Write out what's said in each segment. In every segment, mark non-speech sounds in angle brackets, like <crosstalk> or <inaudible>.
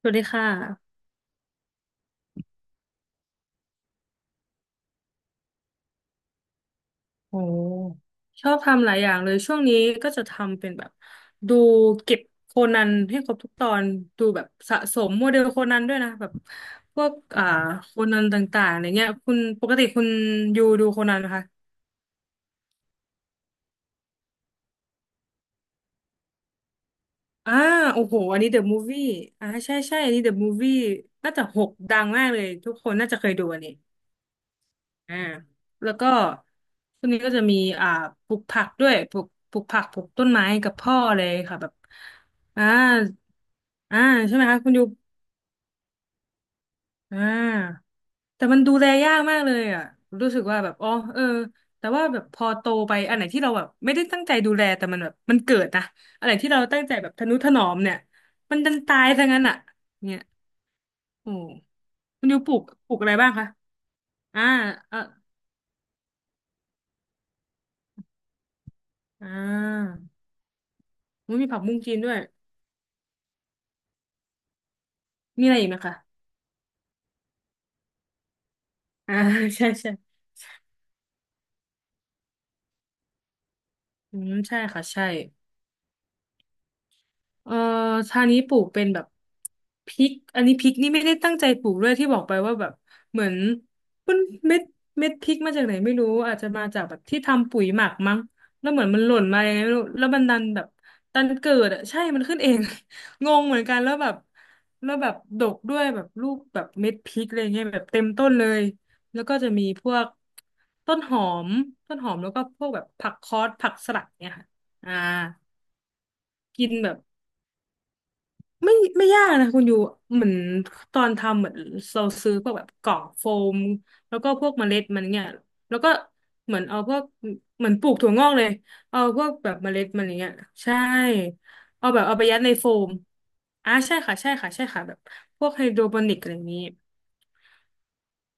สวัสดีค่ะโอ้ชอบทำหลายอย่างเลยช่วงนี้ก็จะทำเป็นแบบดูเก็บโคนันให้ครบทุกตอนดูแบบสะสมโมเดลโคนันด้วยนะแบบพวกโคนันต่างๆอะไรเงี้ยคุณปกติคุณอยู่ดูโคนันไหมคะอ่าโอ้โหอันนี้เดอะมูฟวี่อ่าใช่ใช่อันนี้เดอะมูฟวี่น่าจะหกดังมากเลยทุกคนน่าจะเคยดูอันนี้ อ่าแล้วก็ช่วงนี้ก็จะมีอ่าปลูกผักด้วยปลูกปลูกผักปลูกต้นไม้กับพ่อเลยค่ะแบบอ่าอ่าใช่ไหมคะคุณยูอ่าแต่มันดูแลยากมากเลยอ่ะรู้สึกว่าแบบอ๋อเออแต่ว่าแบบพอโตไปอันไหนที่เราแบบไม่ได้ตั้งใจดูแลแต่มันแบบมันเกิดนะอันไหนที่เราตั้งใจแบบทะนุถนอมเนี่ยมันดันตายซะงั้นอ่ะเนี่ยโอ้คุณยูปลูกปลูกอะไรบ้างคะอ่าเอออ่ามันมีผักบุ้งจีนด้วย มีอะไรอีกไหมคะอ่า <laughs> ใช่ใช่อืมใช่ค่ะใช่ เอ่อทางนี้ปลูกเป็นแบบพริกอันนี้พริกนี่ไม่ได้ตั้งใจปลูกด้วยที่บอกไปว่าแบบเหมือนมันเม็ดเม็ดพริกมาจากไหนไม่รู้อาจจะมาจากแบบที่ทำปุ๋ยหมักมั้งแล้วเหมือนมันหล่นมายังไงไม่รู้แล้วมันดันแบบดันเกิดอ่ะใช่มันขึ้นเอง <laughs> งงเหมือนกันแล้วแบบแล้วแบบดกด้วยแบบลูกแบบเม็ดพริกอะไรเงี้ยแบบเต็มต้นเลยแล้วก็จะมีพวกต้นหอมต้นหอมแล้วก็พวกแบบผักคอสผักสลัดเนี่ยค่ะอ่ากินแบบ ไม่ไม่ยากนะคุณอยู่เหมือนตอนทำเหมือนเราซื้อพวกแบบกล่องโฟมแล้วก็พวกเมล็ดมันเนี่ยแล้วก็เหมือนเอาพวกเหมือนปลูกถั่วงอกเลยเอาพวกแบบเมล็ดมันอย่างเงี้ยใช่เอาแบบเอาไปยัดในโฟมอ่าใช่ค่ะใช่ค่ะใช่ค่ะแบบพวกไฮโดรโปนิกอะไรอย่างนี้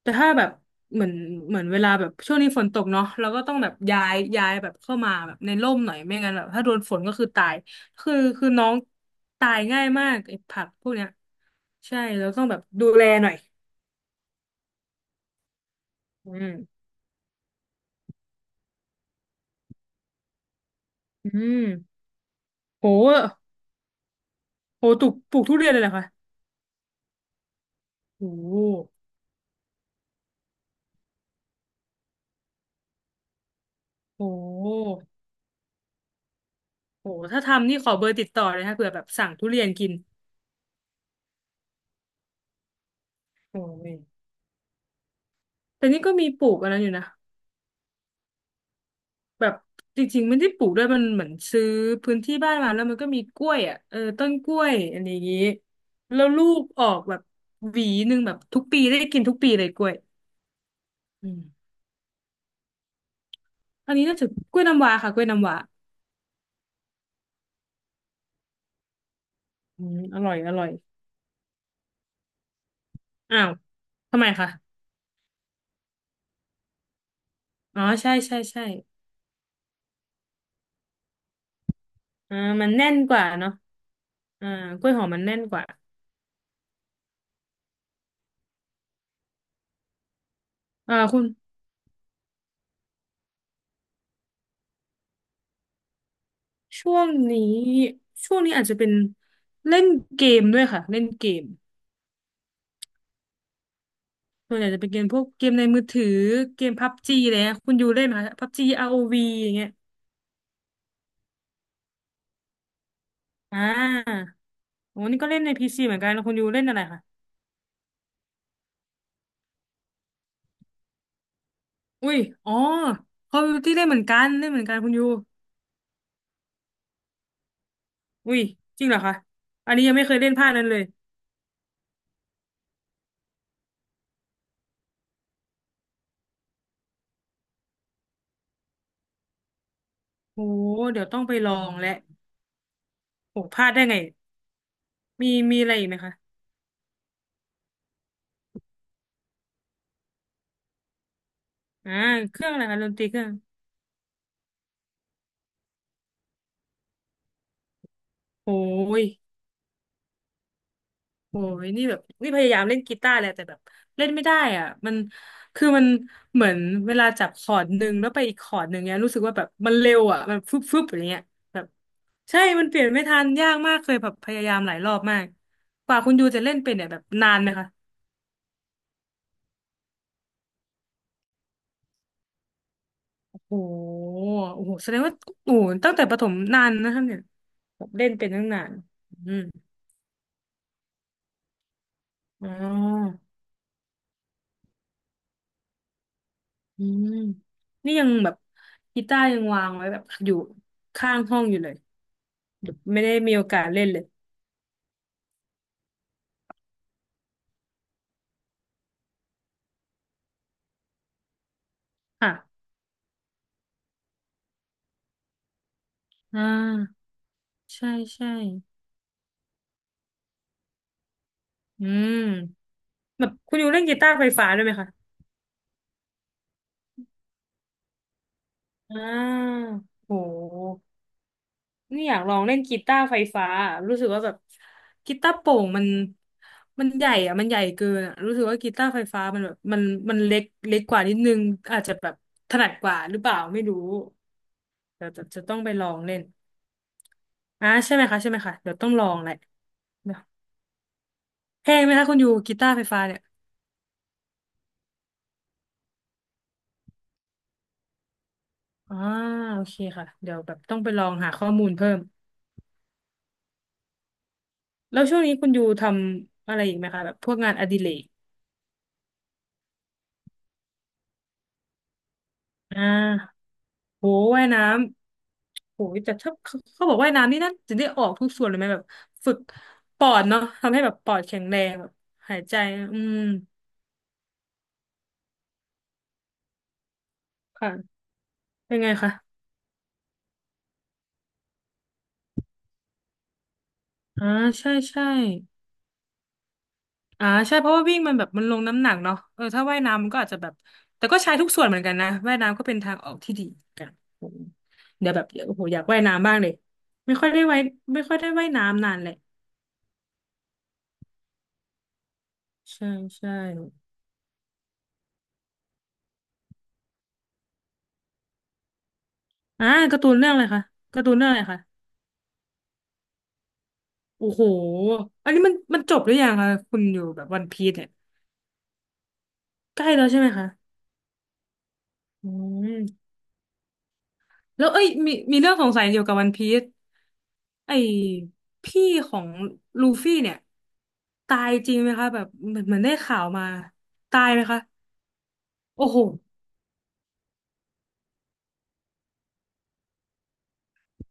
แต่ถ้าแบบเหมือนเหมือนเวลาแบบช่วงนี้ฝนตกเนาะเราก็ต้องแบบย้ายย้ายแบบเข้ามาแบบในร่มหน่อยไม่งั้นแบบถ้าโดนฝนก็คือตายคือน้องตายง่ายมากไอ้ผักพวกเนี้ยใช่เราต้องแบบดูแลหน่อยอืมอืมโหโหปลูกปลูกทุเรียนเลยเหรอคะโหโหโหถ้าทำนี่ขอเบอร์ติดต่อเลยนะเผื่อแบบสั่งทุเรียนกินโอ้ยแต่นี่ก็มีปลูกอะไรอยู่นะ แบบจริงๆไม่ได้ปลูกด้วยมันเหมือนซื้อพื้นที่บ้านมาแล้วมันก็มีกล้วยอ่ะเออต้นกล้วยอันนี้แล้วลูกออกแบบหวีหนึ่งแบบทุกปีได้กินทุกปีเลยกล้วยอืมอันนี้น่าจะกล้วยน้ำว้าค่ะกล้วยน้ำว้าอืมอร่อยอร่อยอ้าวทำไมคะอ๋อใช่ใช่ใช่อ่ามันแน่นกว่าเนาะอ่ากล้วยหอมมันแน่นกว่าคุณช่วงนี้ช่วงนี้อาจจะเป็นเล่นเกมด้วยค่ะเล่นเกม ส่วนใหญ่จะเป็นเกมพวกเกมในมือถือเกมพับจีอะไรเงี้ยคุณยูเล่นไหมคะพับจี ROV อวีอย่างเงี้ยอ่าโอ้นี่ก็เล่นในพีซีเหมือนกันแล้วคุณยูเล่นอะไรคะอุ้ยอ๋อ Call of Duty เล่นเหมือนกันเล่นเหมือนกันคุณยูอุ้ยจริงเหรอคะอันนี้ยังไม่เคยเล่นภาคนั้นเลยโอ้เดี๋ยวต้องไปลองแหละโอ้พลาดได้ไงมีมีอะไรอีกไหมคะอ่าเครื่องอะไรคะดนตรีเครื่องโอ้ย โอ้ยนี่แบบนี่พยายามเล่นกีตาร์แหละแต่แบบเล่นไม่ได้อ่ะมันคือมันเหมือนเวลาจับคอร์ดหนึ่งแล้วไปอีกคอร์ดหนึ่งเนี้ยรู้สึกว่าแบบมันเร็วอ่ะมันฟึบฟึบอย่างเงี้ยแบบใช่มันเปลี่ยนไม่ทันยากมากเคยแบบพยายามหลายรอบมากกว่าคุณยูจะเล่นเป็นเนี่ยแบบนานไหมคะโอ้โหโอ้โหแสดงว่าโอ้โหตั้งแต่ประถมนานนะครับเนี่ยแบบเล่นเป็นตั้งนานอืมอ๋ออืมนี่ยังแบบกีตาร์ยังวางไว้แบบอยู่ข้างห้องอยู่เลย ไม่ได้มีโอกาสเล่นเลยค่ะอ่าใช่ใช่อืมแบบคุณอยู่เล่นกีตาร์ไฟฟ้าด้วยไหมคะอ่าโหนี่อยากลองเล่นกีตาร์ไฟฟ้ารู้สึกว่าแบบกีตาร์โปร่งมันใหญ่อะมันใหญ่เกินอะรู้สึกว่ากีตาร์ไฟฟ้ามันแบบมันมันเล็กเล็กกว่านิดนึงอาจจะแบบถนัดกว่าหรือเปล่าไม่รู้เดี๋ยวจะต้องไปลองเล่นอ่าใช่ไหมคะใช่ไหมคะเดี๋ยวต้องลองแหละเดี๋ยวแพงไหมคะคุณอยู่กีตาร์ไฟฟ้าเนี่ย อ่าโอเคค่ะเดี๋ยวแบบต้องไปลองหาข้อมูลเพิ่มแล้วช่วงนี้คุณยูทำอะไรอีกไหมคะแบบพวกงานอดิเรกอ่าโหว่ายน้ำโหแต่ถ้าเขาบอกว่ายน้ำนี่น่าจะได้ออกทุกส่วนเลยไหมแบบฝึกปอดเนาะทำให้แบบปอดแข็งแรงแบบหายใจอืมค่ะเป็นไงคะอ่าใช่ใช่ อ่าใช่เพราะว่าวิ่งมันแบบมันลงน้ำหนักเนาะเออถ้าว่ายน้ำมันก็อาจจะแบบแต่ก็ใช้ทุกส่วนเหมือนกันนะว่ายน้ำก็เป็นทางออกที่ดีเหมือนกันโอโหเดี๋ยวแบบโอ้โหอยากว่ายน้ำบ้างเลยไม่ค่อยได้ว่ายไม่ค่อยได้ว่ายน้ำนานแหละใช่ใช่อ่าการ์ตูนเรื่องอะไรคะการ์ตูนเรื่องอะไรคะโอ้โหอันนี้มันจบหรือยังคะคุณอยู่แบบวันพีซเนี่ยใกล้แล้วใช่ไหมคะอืมแล้วเอ้ยมีเรื่องสงสัยเกี่ยวกับวันพีซ ไอ้พี่ของลูฟี่เนี่ยตายจริงไหมคะแบบเหมือนได้ข่าวมาตายไหมคะโอ้โห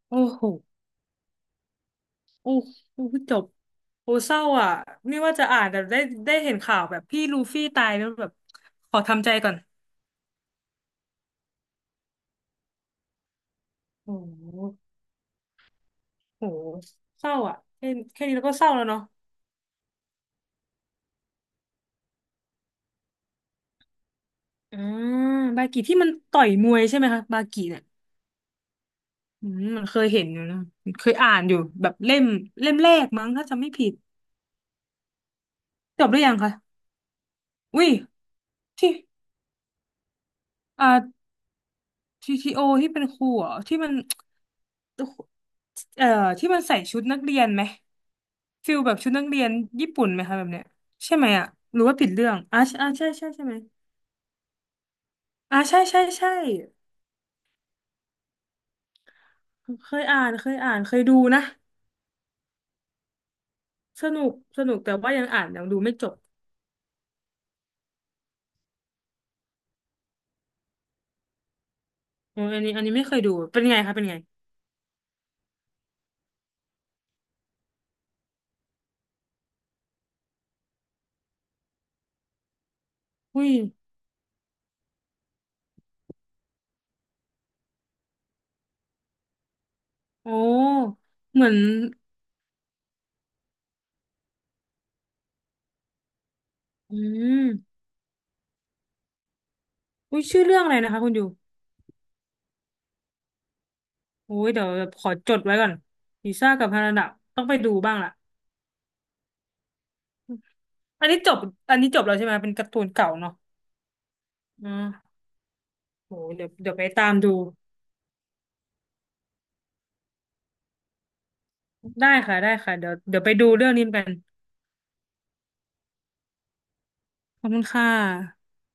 โอ้โหโอ้โหจบโอ้เศร้าอ่ะไม่ว่าจะอ่านแต่ได้ได้เห็นข่าวแบบพี่ลูฟี่ตายแล้วแบบขอทำใจก่อนโอ้โหโอ้โหเศร้าอ่ะแค่แค่นี้แล้วก็เศร้าแล้วเนาะอ่าบากิที่มันต่อยมวยใช่ไหมคะบากิเนี่ยอืมมันเคยเห็นอยู่นะเคยอ่านอยู่แบบเล่มแรกมั้งถ้าจำไม่ผิดจบหรือยังคะอุ้ย ที่อ่า TTO ทีโอที่เป็นครูเหรอที่มันเอ่อที่มันใส่ชุดนักเรียนไหมฟิลแบบชุดนักเรียนญี่ปุ่นไหมคะแบบเนี้ยใช่ไหมอ่ะหรือว่าผิดเรื่องอ่าอ่าใช่ใช่ใช่ไหมอ่าใช่ใช่ใช่เคยอ่านเคยอ่านเคยดูนะสนุกสนุกแต่ว่ายังอ่านยังดูไม่จบออันนี้ไม่เคยดูเป็นไงคะเป็นไงอุ้ยโอ้เหมือนอืมอุ้ยชื่อเรื่องอะไรนะคะคุณอยู่ โอ้ยเดี๋ยวขอจดไว้ก่อนลิซ่ากับฮานาดะต้องไปดูบ้างล่ะอันนี้จบอันนี้จบแล้วใช่ไหมเป็นการ์ตูนเก่าเนาะอ่าโอ้ยเดี๋ยวเดี๋ยวไปตามดูได้ค่ะได้ค่ะเดี๋ยวเดี๋ยวไปดูเรื่องนี้กันขอบคุณค่ะ